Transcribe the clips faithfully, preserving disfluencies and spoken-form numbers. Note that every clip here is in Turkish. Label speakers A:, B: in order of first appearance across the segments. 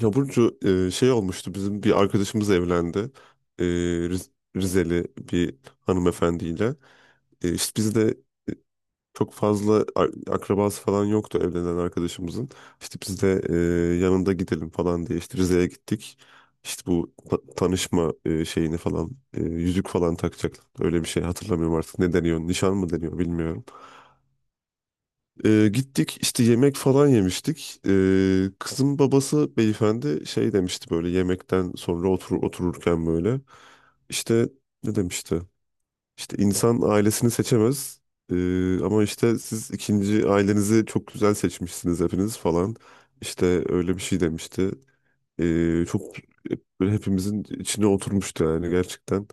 A: Ya Burcu, e, şey olmuştu bizim bir arkadaşımız evlendi. E, Riz- Rizeli bir hanımefendiyle. E, işte biz de e, çok fazla ar- akrabası falan yoktu evlenen arkadaşımızın. İşte biz de e, yanında gidelim falan diye işte Rize'ye gittik. İşte bu ta- tanışma e, şeyini falan e, yüzük falan takacaklar. Öyle bir şey hatırlamıyorum artık. Ne deniyor? Nişan mı deniyor bilmiyorum. Ee, gittik işte yemek falan yemiştik. Ee, kızın babası beyefendi şey demişti, böyle yemekten sonra otur, otururken böyle. İşte ne demişti? İşte insan ailesini seçemez. Ee, ama işte siz ikinci ailenizi çok güzel seçmişsiniz hepiniz falan. İşte öyle bir şey demişti. Ee, çok böyle hepimizin içine oturmuştu yani gerçekten.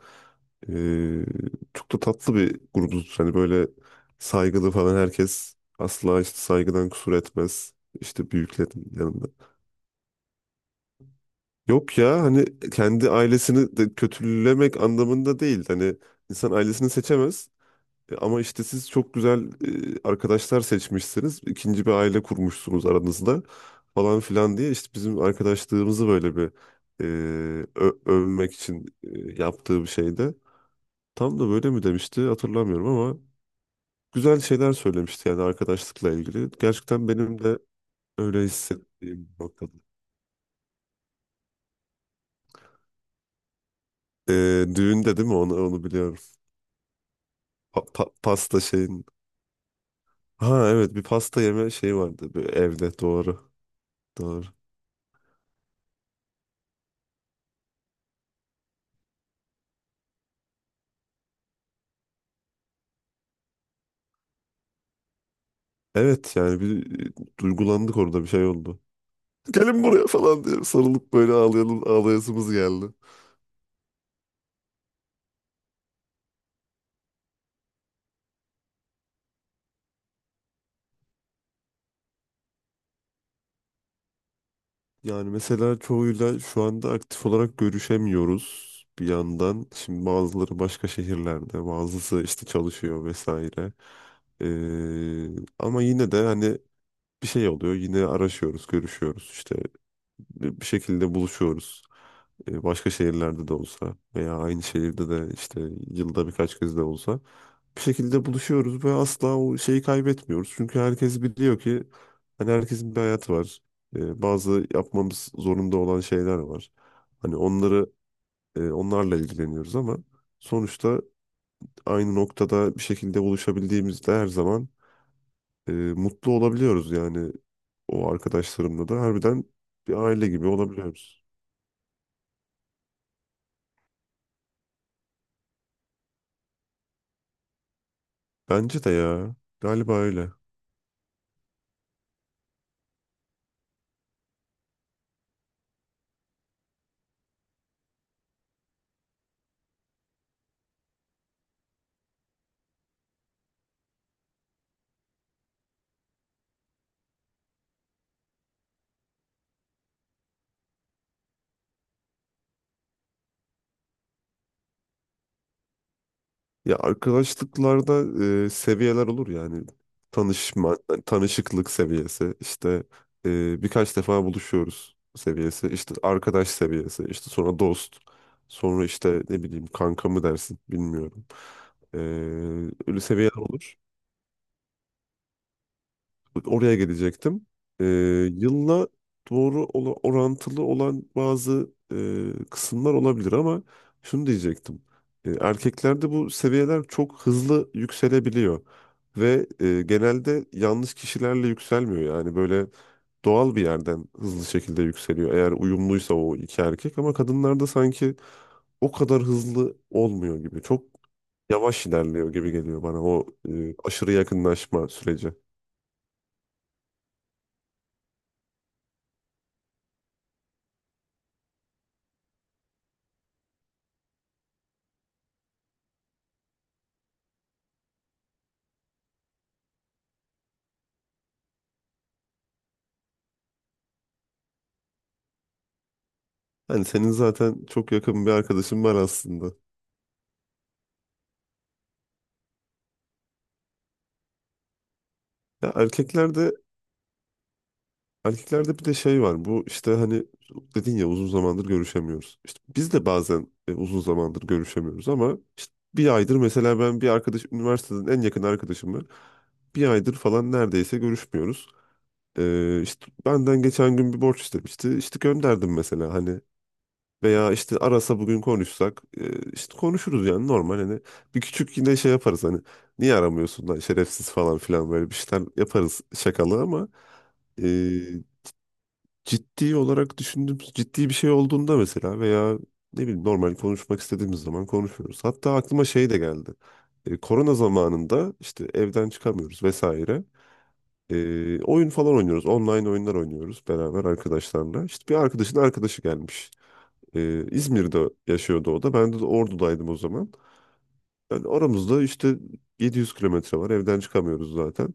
A: Ee, Çok da tatlı bir grubuz. Hani böyle saygılı falan, herkes asla işte saygıdan kusur etmez. İşte büyüklerin yanında. Yok ya, hani kendi ailesini de kötülemek anlamında değil. Hani insan ailesini seçemez. E, Ama işte siz çok güzel e, arkadaşlar seçmişsiniz. İkinci bir aile kurmuşsunuz aranızda falan filan diye işte bizim arkadaşlığımızı böyle bir e, ö- övmek için e, yaptığı bir şeydi. Tam da böyle mi demişti hatırlamıyorum ama güzel şeyler söylemişti yani arkadaşlıkla ilgili. Gerçekten benim de öyle hissettiğim bir noktada. Ee, düğünde değil mi? Onu, onu biliyorum. Pa- pa- pasta şeyin. Ha, evet, bir pasta yeme şeyi vardı bir evde, doğru. Doğru. Evet, yani bir e, duygulandık orada, bir şey oldu. Gelin buraya falan diye sarılıp böyle ağlayalım, ağlayasımız geldi. Yani mesela çoğuyla şu anda aktif olarak görüşemiyoruz bir yandan. Şimdi bazıları başka şehirlerde, bazısı işte çalışıyor vesaire. Ee, ama yine de hani bir şey oluyor. Yine araşıyoruz, görüşüyoruz. İşte bir şekilde buluşuyoruz. Ee, başka şehirlerde de olsa veya aynı şehirde de işte yılda birkaç kez de olsa bir şekilde buluşuyoruz ve asla o şeyi kaybetmiyoruz. Çünkü herkes biliyor ki hani herkesin bir hayatı var. Ee, bazı yapmamız zorunda olan şeyler var. Hani onları e, onlarla ilgileniyoruz ama sonuçta aynı noktada bir şekilde buluşabildiğimizde her zaman e, mutlu olabiliyoruz. Yani o arkadaşlarımla da harbiden bir aile gibi olabiliyoruz. Bence de ya, galiba öyle. Ya arkadaşlıklarda e, seviyeler olur, yani tanışma, yani tanışıklık seviyesi, işte e, birkaç defa buluşuyoruz seviyesi, işte arkadaş seviyesi, işte sonra dost, sonra işte ne bileyim kanka mı dersin bilmiyorum. E, Öyle seviyeler olur. Oraya gelecektim. Ee, Yılla doğru ola- orantılı olan bazı e, kısımlar olabilir ama şunu diyecektim. Ee, erkeklerde bu seviyeler çok hızlı yükselebiliyor ve e, genelde yanlış kişilerle yükselmiyor. Yani böyle doğal bir yerden hızlı şekilde yükseliyor eğer uyumluysa o iki erkek, ama kadınlarda sanki o kadar hızlı olmuyor gibi. Çok yavaş ilerliyor gibi geliyor bana o e, aşırı yakınlaşma süreci. Hani senin zaten çok yakın bir arkadaşın var aslında. Ya, erkeklerde erkeklerde bir de şey var. Bu işte hani dedin ya, uzun zamandır görüşemiyoruz. İşte biz de bazen e, uzun zamandır görüşemiyoruz ama işte bir aydır mesela, ben bir arkadaş, üniversiteden en yakın arkadaşımla bir aydır falan neredeyse görüşmüyoruz. Ee, işte benden geçen gün bir borç istemişti. İşte gönderdim mesela, hani. Veya işte arasa bugün konuşsak e, işte konuşuruz yani, normal hani. Bir küçük yine şey yaparız, hani niye aramıyorsun lan şerefsiz falan filan, böyle bir şeyler yaparız, şakalı ama e, ciddi olarak düşündüğüm ciddi bir şey olduğunda mesela, veya ne bileyim normal konuşmak istediğimiz zaman konuşuyoruz. Hatta aklıma şey de geldi. E, korona zamanında işte evden çıkamıyoruz vesaire. E, oyun falan oynuyoruz. Online oyunlar oynuyoruz beraber arkadaşlarla. İşte bir arkadaşın arkadaşı gelmiş. Ee, İzmir'de yaşıyordu o da. Ben de Ordu'daydım o zaman. Yani aramızda işte yedi yüz kilometre var. Evden çıkamıyoruz zaten.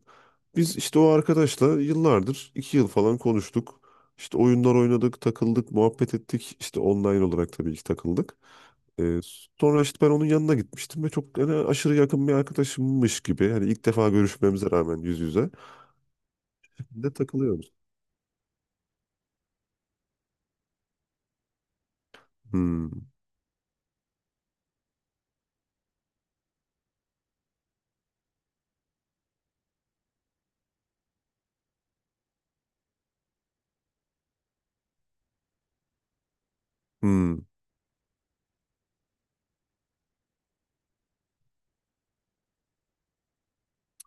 A: Biz işte o arkadaşla yıllardır, iki yıl falan konuştuk. İşte oyunlar oynadık, takıldık, muhabbet ettik. İşte online olarak tabii ki takıldık. Ee, Sonra işte ben onun yanına gitmiştim ve çok hani aşırı yakın bir arkadaşımmış gibi. Hani ilk defa görüşmemize rağmen yüz yüze. De takılıyoruz. Hmm. Hmm.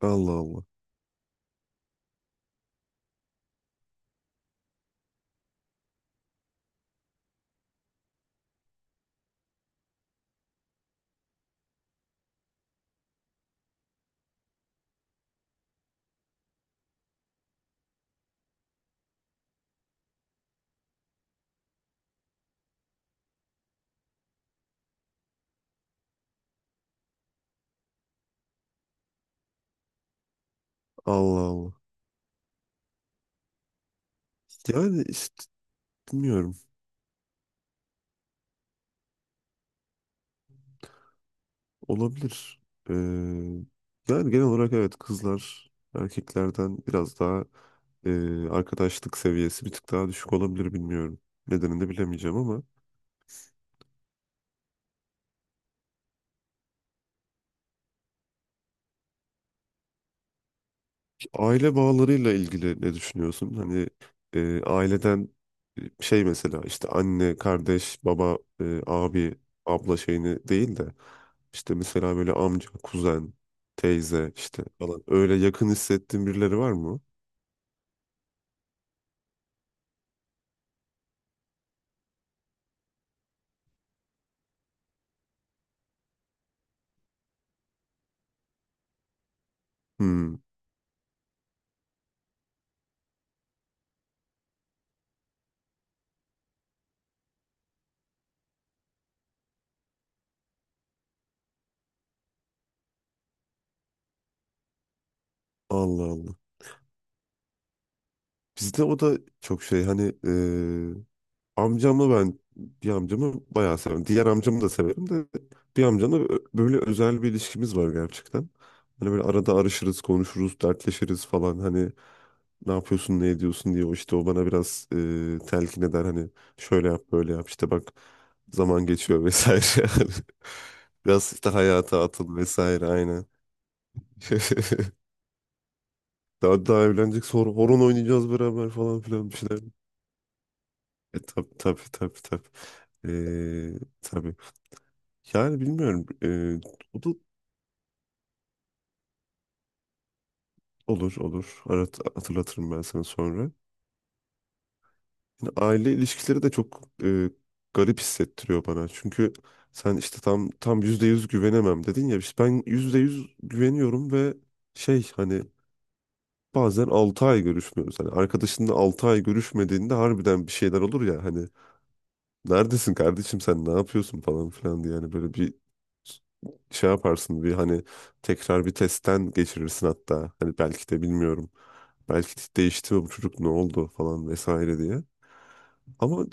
A: Allah Allah. Allah Allah. Yani işte bilmiyorum. Olabilir. Ee, Yani genel olarak evet, kızlar erkeklerden biraz daha e, arkadaşlık seviyesi bir tık daha düşük olabilir, bilmiyorum. Nedenini de bilemeyeceğim ama aile bağlarıyla ilgili ne düşünüyorsun? Hani e, aileden e, şey mesela işte anne, kardeş, baba, e, abi, abla şeyini değil de işte mesela böyle amca, kuzen, teyze işte falan, öyle yakın hissettiğin birileri var mı? Hmm. Allah Allah. Bizde o da çok şey, hani eee amcamla, ben bir amcamı bayağı severim. Diğer amcamı da severim de bir amcamla ö- böyle özel bir ilişkimiz var gerçekten. Hani böyle arada arışırız, konuşuruz, dertleşiriz falan, hani ne yapıyorsun, ne ediyorsun diye. O işte o bana biraz eee, telkin eder, hani şöyle yap, böyle yap, işte bak zaman geçiyor vesaire. Yani biraz işte hayata atıl vesaire, aynen. Daha, daha evlenecek, sonra horon oynayacağız beraber falan filan bir şeyler. E, tabii, tabii, tabii, tabii. Ee, tabii. Yani bilmiyorum. Ee, o da olur, olur. Arat, hatırlatırım ben sana sonra. Yani aile ilişkileri de çok e, garip hissettiriyor bana. Çünkü sen işte tam tam yüzde yüz güvenemem dedin ya. İşte ben yüzde yüz güveniyorum ve şey, hani bazen altı ay görüşmüyoruz. Hani arkadaşınla altı ay görüşmediğinde harbiden bir şeyler olur ya, hani neredesin kardeşim, sen ne yapıyorsun falan filan diye yani, böyle bir şey yaparsın, bir hani tekrar bir testten geçirirsin hatta. Hani belki de, bilmiyorum. Belki de değişti mi bu çocuk, ne oldu falan vesaire diye. Ama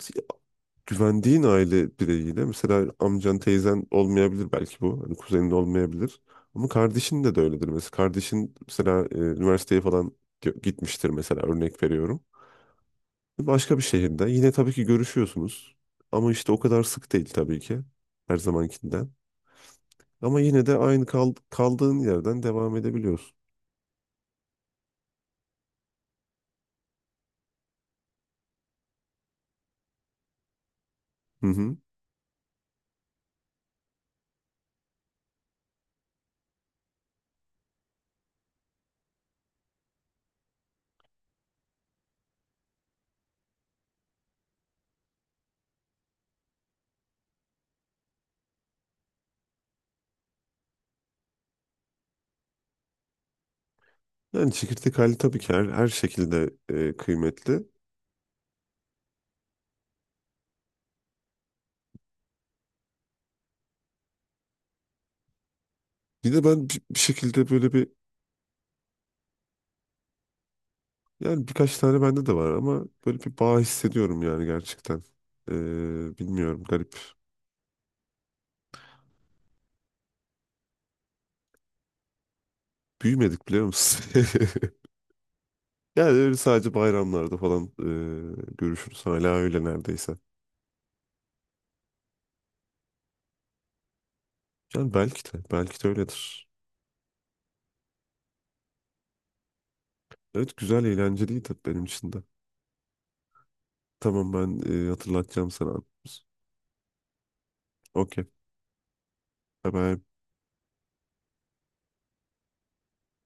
A: güvendiğin aile bireyiyle mesela amcan, teyzen olmayabilir belki bu. Hani kuzenin de olmayabilir. Ama kardeşin de de öyledir. Mesela kardeşin mesela e, üniversiteye falan gö- gitmiştir mesela, örnek veriyorum. Başka bir şehirde yine tabii ki görüşüyorsunuz. Ama işte o kadar sık değil tabii ki her zamankinden. Ama yine de aynı kal- kaldığın yerden devam edebiliyorsun. Hı hı. Yani çekirdek hali tabii ki her, her şekilde e, kıymetli. Bir de ben bir, bir şekilde böyle bir, yani birkaç tane bende de var ama böyle bir bağ hissediyorum yani gerçekten. E, bilmiyorum, garip. Büyümedik biliyor musun? Yani öyle sadece bayramlarda falan e, görüşürüz. Hala öyle neredeyse. Yani belki de belki de öyledir. Evet, güzel, eğlenceliydi benim için de. Tamam, ben e, hatırlatacağım sana. Okey. Bye bye.